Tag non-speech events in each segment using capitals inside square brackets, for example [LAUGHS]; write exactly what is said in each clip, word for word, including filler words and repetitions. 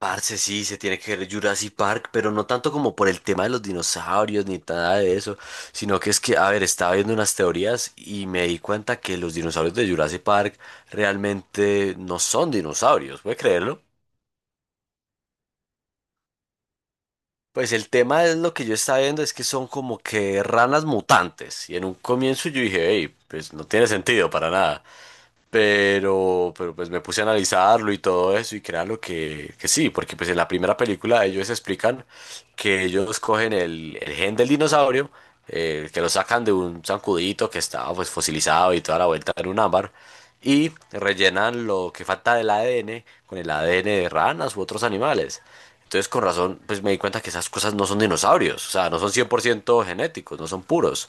Parce, sí, se tiene que ver Jurassic Park, pero no tanto como por el tema de los dinosaurios ni nada de eso, sino que es que, a ver, estaba viendo unas teorías y me di cuenta que los dinosaurios de Jurassic Park realmente no son dinosaurios, ¿puede creerlo? Pues el tema es lo que yo estaba viendo es que son como que ranas mutantes y en un comienzo yo dije, hey, pues no tiene sentido para nada. Pero, pero pues me puse a analizarlo y todo eso y créalo que, que sí, porque pues en la primera película ellos explican que ellos cogen el, el gen del dinosaurio, eh, que lo sacan de un zancudito que estaba pues fosilizado y toda la vuelta en un ámbar, y rellenan lo que falta del A D N con el A D N de ranas u otros animales. Entonces con razón pues me di cuenta que esas cosas no son dinosaurios, o sea, no son cien por ciento genéticos, no son puros.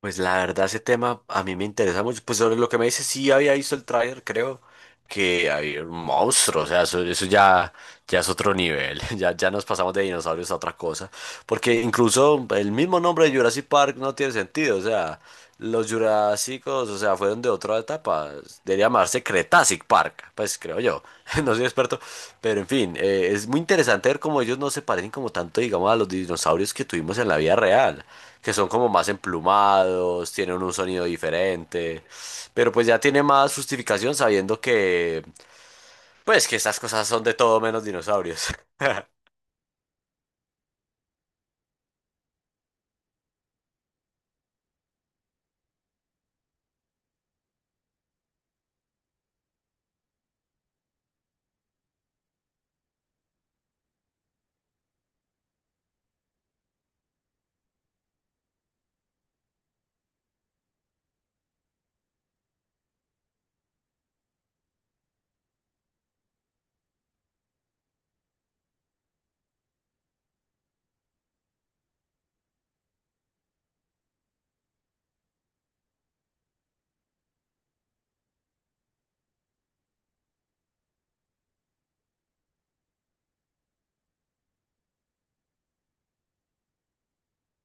Pues la verdad ese tema a mí me interesa mucho. Pues sobre lo que me dice, sí había visto el tráiler, creo que había un monstruo, o sea, eso, eso ya, ya es otro nivel, [LAUGHS] ya, ya nos pasamos de dinosaurios a otra cosa, porque incluso el mismo nombre de Jurassic Park no tiene sentido, o sea, los Jurásicos, o sea, fueron de otra etapa, debería llamarse Cretacic Park, pues creo yo, [LAUGHS] no soy experto, pero en fin, eh, es muy interesante ver cómo ellos no se parecen como tanto, digamos, a los dinosaurios que tuvimos en la vida real que son como más emplumados, tienen un sonido diferente, pero pues ya tiene más justificación sabiendo que, pues que estas cosas son de todo menos dinosaurios. [LAUGHS]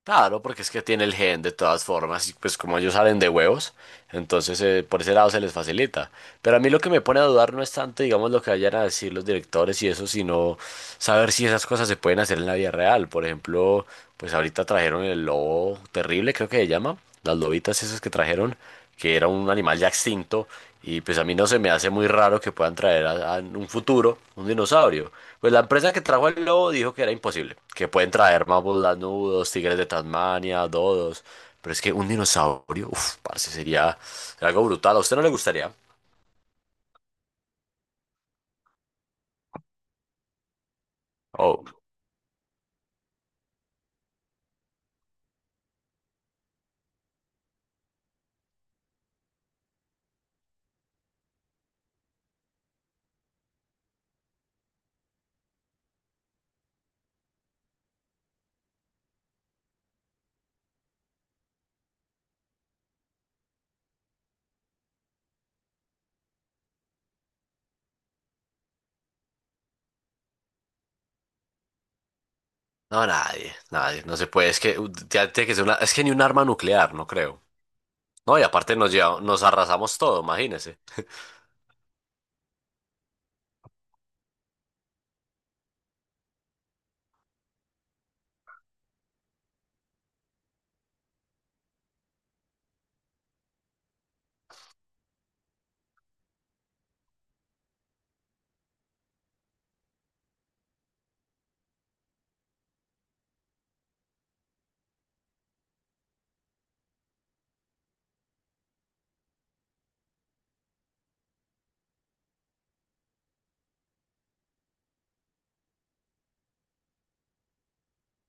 Claro, porque es que tiene el gen de todas formas y pues como ellos salen de huevos, entonces eh, por ese lado se les facilita. Pero a mí lo que me pone a dudar no es tanto, digamos, lo que vayan a decir los directores y eso, sino saber si esas cosas se pueden hacer en la vida real. Por ejemplo, pues ahorita trajeron el lobo terrible, creo que se llama, las lobitas esas que trajeron que era un animal ya extinto, y pues a mí no se me hace muy raro que puedan traer a, a- en un futuro un dinosaurio. Pues la empresa que trajo el lobo dijo que era imposible, que pueden traer mamuts lanudos, tigres de Tasmania, dodos, pero es que un dinosaurio, uff, parce, sería algo brutal. ¿A usted no le gustaría? Oh, no, nadie, nadie, no se puede, es que uh, ya tiene que ser una, es que ni un arma nuclear, no creo. No, y aparte nos lleva- nos arrasamos todo, imagínese.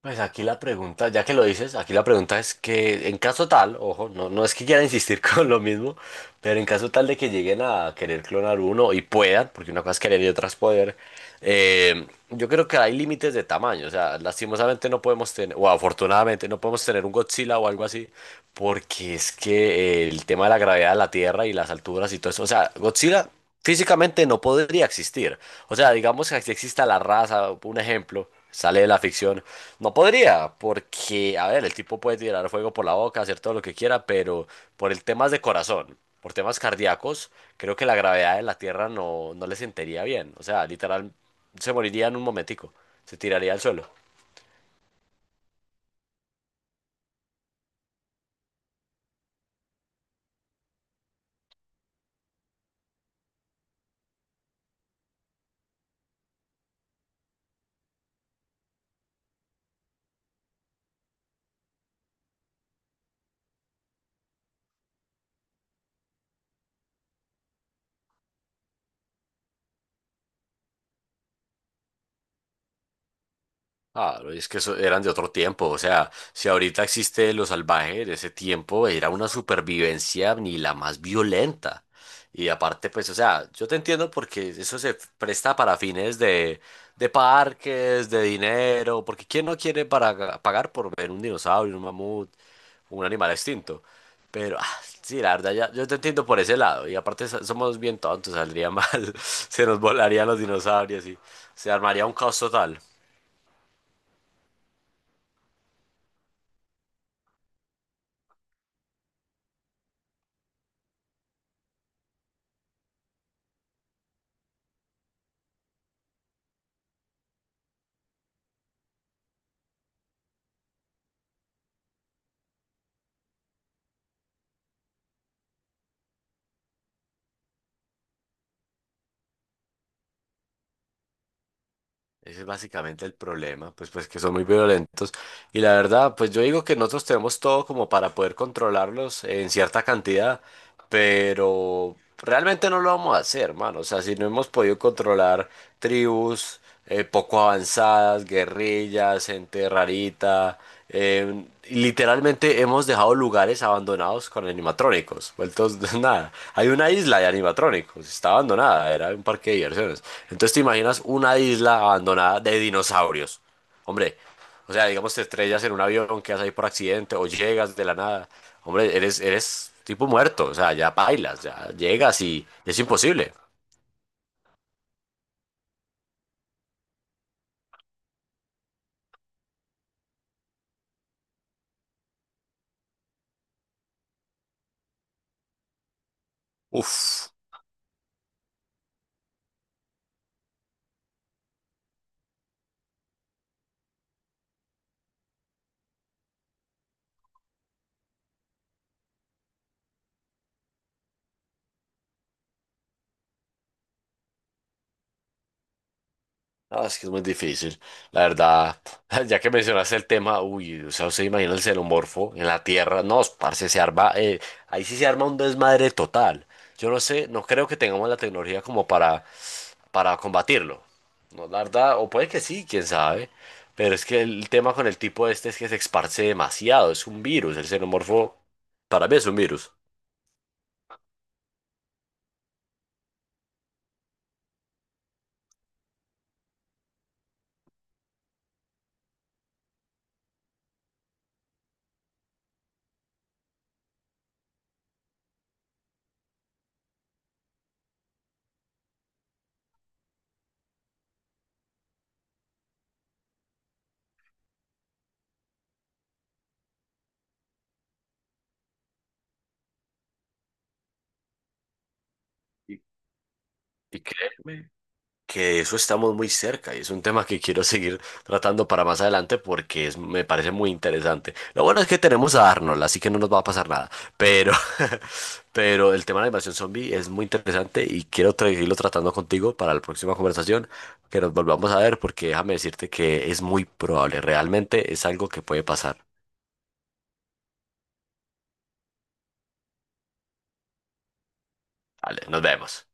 Pues aquí la pregunta, ya que lo dices, aquí la pregunta es que en caso tal, ojo, no, no es que quiera insistir [LAUGHS] con lo mismo, pero en caso tal de que lleguen a querer clonar uno y puedan, porque una cosa es querer y otra es poder, eh, yo creo que hay límites de tamaño, o sea, lastimosamente no podemos tener, o afortunadamente no podemos tener un Godzilla o algo así, porque es que eh, el tema de la gravedad de la Tierra y las alturas y todo eso, o sea, Godzilla físicamente no podría existir. O sea, digamos que si exista la raza, un ejemplo, sale de la ficción. No podría, porque, a ver, el tipo puede tirar fuego por la boca, hacer todo lo que quiera, pero por el temas de corazón, por temas cardíacos, creo que la gravedad de la Tierra no, no le sentiría bien. O sea, literal, se moriría en un momentico, se tiraría al suelo. Claro, y es que eso eran de otro tiempo, o sea, si ahorita existe lo salvaje de ese tiempo, era una supervivencia ni la más violenta. Y aparte, pues, o sea, yo te entiendo porque eso se presta para fines de, de parques, de dinero, porque ¿quién no quiere para, pagar por ver un dinosaurio, un mamut, un animal extinto? Pero, ah, sí, la verdad, ya, yo te entiendo por ese lado. Y aparte so- somos bien tontos, saldría mal, [LAUGHS] se nos volarían los dinosaurios y se armaría un caos total. Ese es básicamente el problema, pues, pues que son muy violentos. Y la verdad, pues yo digo que nosotros tenemos todo como para poder controlarlos en cierta cantidad, pero realmente no lo vamos a hacer, hermano. O sea, si no hemos podido controlar tribus eh, poco avanzadas, guerrillas, gente rarita, eh, literalmente hemos dejado lugares abandonados con animatrónicos, vueltos [LAUGHS] de nada. Hay una isla de animatrónicos, está abandonada, era un parque de diversiones. Entonces te imaginas una isla abandonada de dinosaurios. Hombre, o sea, digamos te estrellas en un avión, quedas ahí por accidente o llegas de la nada. Hombre, eres, eres tipo muerto, o sea, ya bailas, ya llegas y es imposible. Uf. No, es que es muy difícil, la verdad. [LAUGHS] Ya que mencionaste el tema, uy, o sea, usted imagina el xenomorfo en la Tierra. No, parce, se arma, eh, ahí sí se arma un desmadre total. Yo no sé, no creo que tengamos la tecnología como para, para combatirlo. No, la verdad, o puede que sí, quién sabe. Pero es que el tema con el tipo este es que se esparce demasiado, es un virus. El xenomorfo, para mí es un virus. Y, ¿Y qué? Que eso estamos muy cerca y es un tema que quiero seguir tratando para más adelante porque es, me parece muy interesante. Lo bueno es que tenemos a Arnold, así que no nos va a pasar nada, pero, [LAUGHS] pero el tema de la invasión zombie es muy interesante y quiero tra- seguirlo tratando contigo para la próxima conversación, que nos volvamos a ver porque déjame decirte que es muy probable, realmente es algo que puede pasar. Vale, nos vemos.